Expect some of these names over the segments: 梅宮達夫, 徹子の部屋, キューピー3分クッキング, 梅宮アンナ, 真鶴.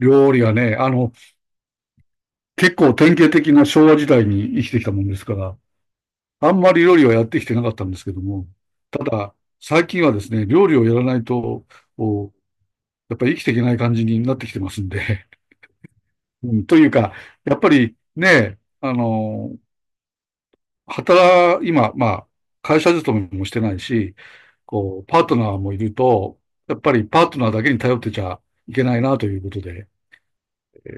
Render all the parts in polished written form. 料理はね、結構典型的な昭和時代に生きてきたもんですから、あんまり料理はやってきてなかったんですけども、ただ、最近はですね、料理をやらないと、おやっぱり生きていけない感じになってきてますんで、うん、というか、やっぱりね、今、会社勤めもしてないし、こう、パートナーもいると、やっぱりパートナーだけに頼ってちゃいけないなということで、え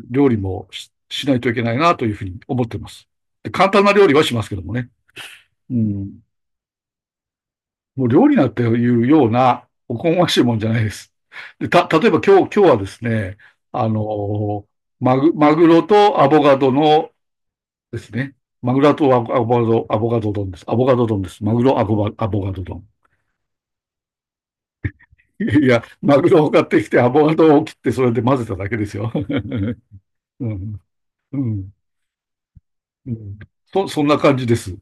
料理もしないといけないなというふうに思っています。で、簡単な料理はしますけどもね。うん。もう料理なんていうような、おこがましいもんじゃないです。で、例えば今日はですね、あの、マグロとアボカドのですね、マグロとアボアボカド丼です。アボカド丼です。マグロ、アボカアボカド丼。いや、マグロを買ってきて、アボカドを切って、それで混ぜただけですよ。うん、うん。うん。そんな感じです。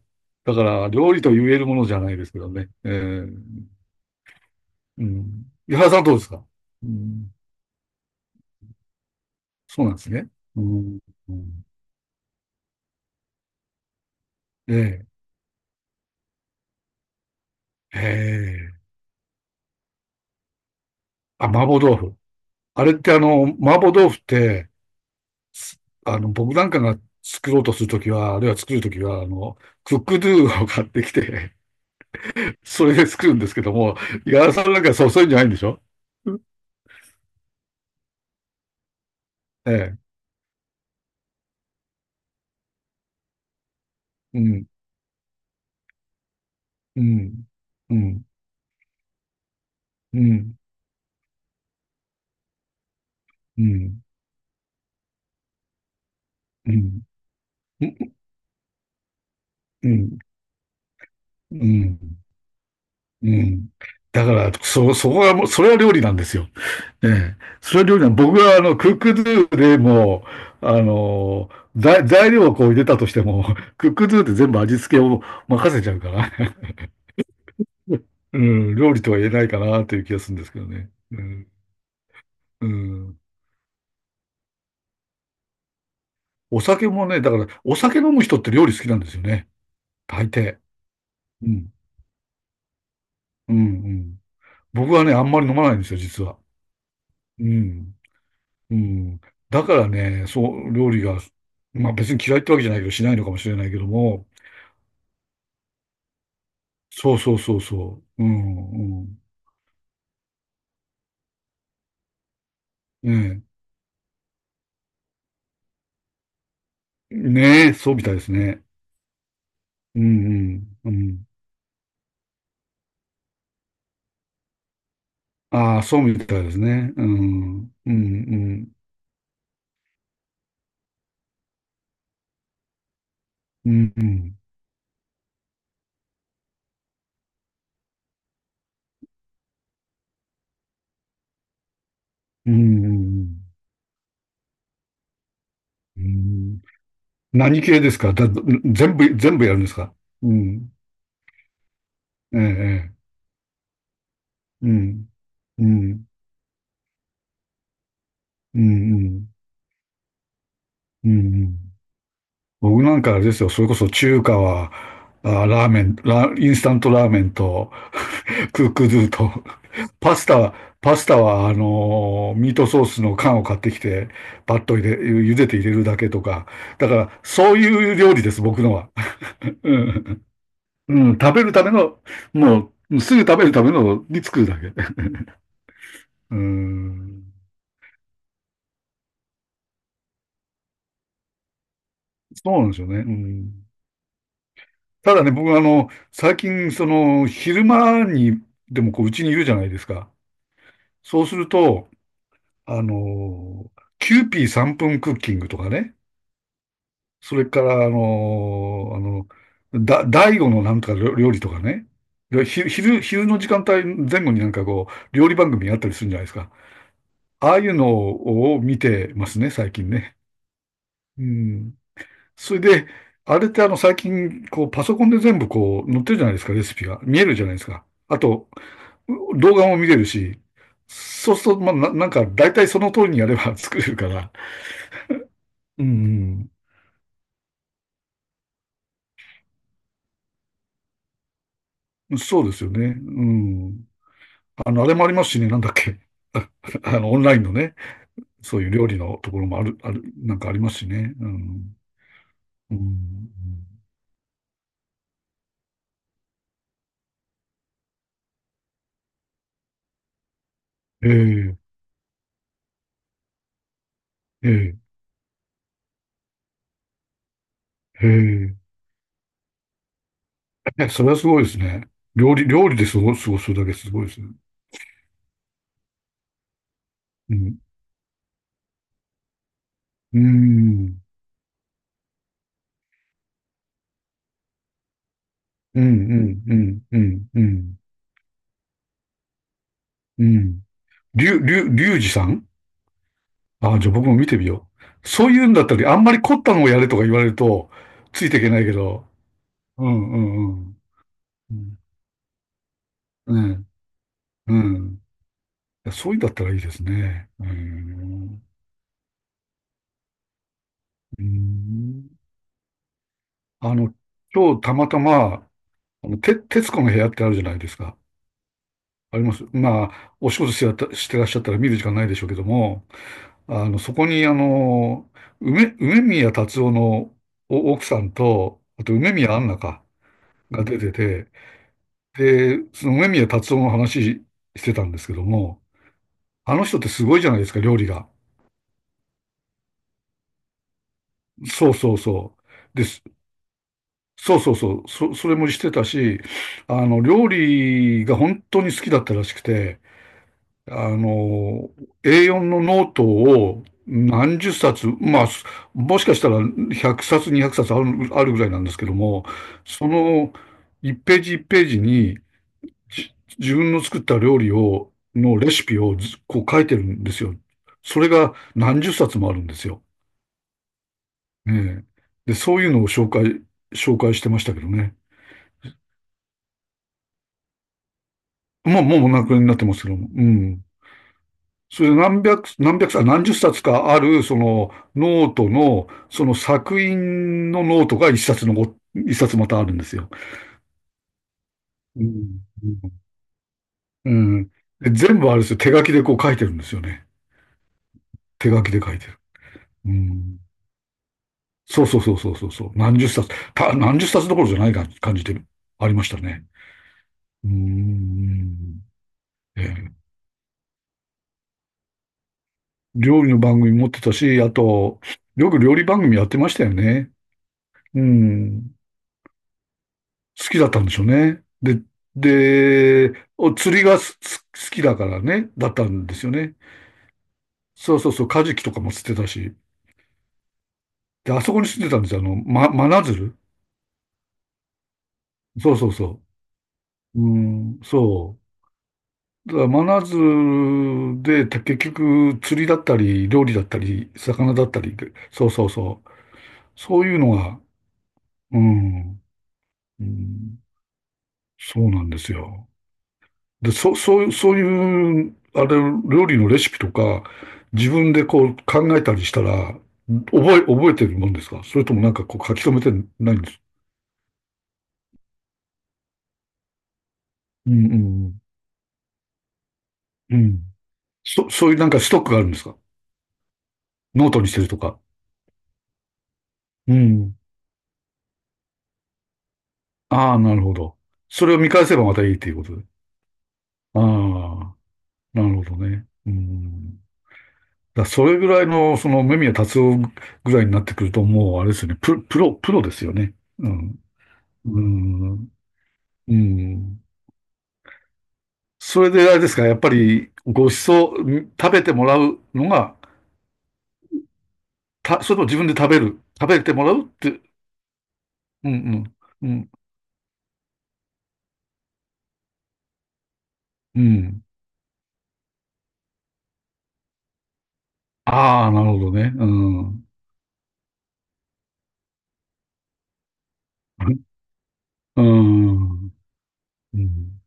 だから、料理と言えるものじゃないですけどね。うん。井原さん、どうですか？うん。そうなんですね。うん。うん。ええ、ええ。あ、麻婆豆腐。あれってあの、麻婆豆腐って、すあの、僕なんかが作ろうとするときは、あるいは作るときは、あの、クックドゥを買ってきて、それで作るんですけども、井原さんなんかそういうんじゃないんでしょ？ええ、うん、うん、うん、うん、うん、うん。うん、うん、うん。だから、そこがもう、それは料理なんですよ。ねえ。それは料理なん、僕はあの、クックドゥでもう、あの、材料をこう入れたとしても、クックドゥで全部味付けを任せちゃうから、うん、料理とは言えないかなという気がするんですけどね。うん、うん。お酒もね、だから、お酒飲む人って料理好きなんですよね。大抵。うん、うん、うん。僕はね、あんまり飲まないんですよ、実は。うん。うん。だからね、そう、料理が、まあ別に嫌いってわけじゃないけど、しないのかもしれないけども、そうそうそうそう。うん、うん。ねえ、ねえ、そうみたいですね。うん、うん、うん。ああ、そうみたいですね。うん、うん、うん、うん、うん、うん。うん。何系ですか？全部、全部やるんですか？うん、ええ、ええ、うん、うん、うん、うん、うん。うん。僕なんかあれですよ、それこそ中華は、あ、ラーメン、ラ、インスタントラーメンと、クックドゥと、パスタは、パスタは、あのーミートソースの缶を買ってきて、パッと入れ、茹でて入れるだけとか。だから、そういう料理です、僕のは。うん、うん食べるための、もう、すぐ食べるためのに作るだけ。うん、そうなんですよね。うん。ただね、僕あの、最近、その、昼間に、でもこう、うちにいるじゃないですか。そうすると、あの、キューピー3分クッキングとかね、それから、あの、第五のなんとか料理とかね、で昼の時間帯前後になんかこう、料理番組やったりするんじゃないですか。ああいうのを見てますね、最近ね。うん。それで、あれってあの、最近、こう、パソコンで全部こう、載ってるじゃないですか、レシピが。見えるじゃないですか。あと、動画も見れるし、そうすると、まあ、なんか、大体その通りにやれば 作れるから、うん、うん、そうですよね。うん。あの、あれもありますしね、なんだっけ。ああの、オンラインのね、そういう料理のところもある、ある、なんかありますしね。うん。うん。ええ、ええ、ええ。え、それはすごいですね。料理、料理ですごす、過ごすだけすごいですね。うん。うん。うん、うん、うん、うん、うん。うん。りゅうじさん。ああ、じゃあ僕も見てみよう。そういうんだったり、あんまり凝ったのをやれとか言われると、ついていけないけど、うんうんうん。ね、うん。いや、そういうんだったらいいですね。うん。うん。あの、今日たまたま、あの、徹子の部屋ってあるじゃないですか。あります。まあ、お仕事してやった、してらっしゃったら見る時間ないでしょうけども、あの、そこに、あの、梅宮達夫の奥さんと、あと梅宮アンナか、が出てて、で、その梅宮達夫の話してたんですけども、あの人ってすごいじゃないですか、料理が。そうそうそう。です。そうそうそう。それもしてたし、あの、料理が本当に好きだったらしくて、あの、A4 のノートを何十冊、まあ、もしかしたら100冊、200冊ある、あるぐらいなんですけども、その1ページ1ページに自分の作った料理を、のレシピをずこう書いてるんですよ。それが何十冊もあるんですよ。ええ。で、そういうのを紹介、紹介してましたけどね。まあ、もうお亡くなりになってますけども。うん。それで何百冊、何十冊かある、その、ノートの、その作品のノートが一冊またあるんですよ。うん。うん。で、全部あれですよ。手書きでこう書いてるんですよね。手書きで書いてる。うん。そうそうそうそうそうそう。何十冊どころじゃない感じでありましたね。うーん。ええ。料理の番組持ってたし、あと、よく料理番組やってましたよね。うん。好きだったんでしょうね。で、お釣りが好きだからね、だったんですよね。そうそうそう、カジキとかも釣ってたし。で、あそこに住んでたんですよ。あの、真鶴。そうそうそう。うん、そう。だから真鶴で、結局、釣りだったり、料理だったり、魚だったりで、そうそうそう。そういうのが、うん、うん、そうなんですよ。で、そう、そういう、そういう、あれ、料理のレシピとか、自分でこう考えたりしたら、覚えてるもんですか？それともなんかこう書き留めてないんです？うん、うん、うん。うん。そういうなんかストックがあるんですか？ノートにしてるとか。うん。ああ、なるほど。それを見返せばまたいいっていうことで。ああ、なるほどね。うん。だからそれぐらいの、その、目宮達夫ぐらいになってくると、もう、あれですよね。プロですよね。うん。うん。うん。それであれですか、やっぱりご馳走、食べてもらうのが、それとも自分で食べてもらうって、うん、うん、うん、うん。ああ、なるほどね。うん。うん。うん。うん。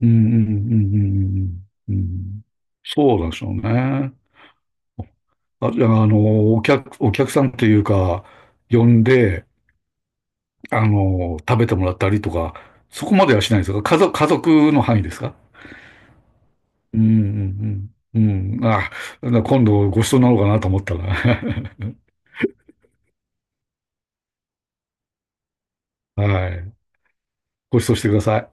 うん。うん。うん。そうなんでしょうね。あ、じゃあ、あの、お客さんっていうか、呼んで、あの、食べてもらったりとか、そこまではしないんですか？家族、家族の範囲ですか？うんうんうん。うん。あ、今度ご馳走になろうかなと思ったら。はい。ご馳走してください。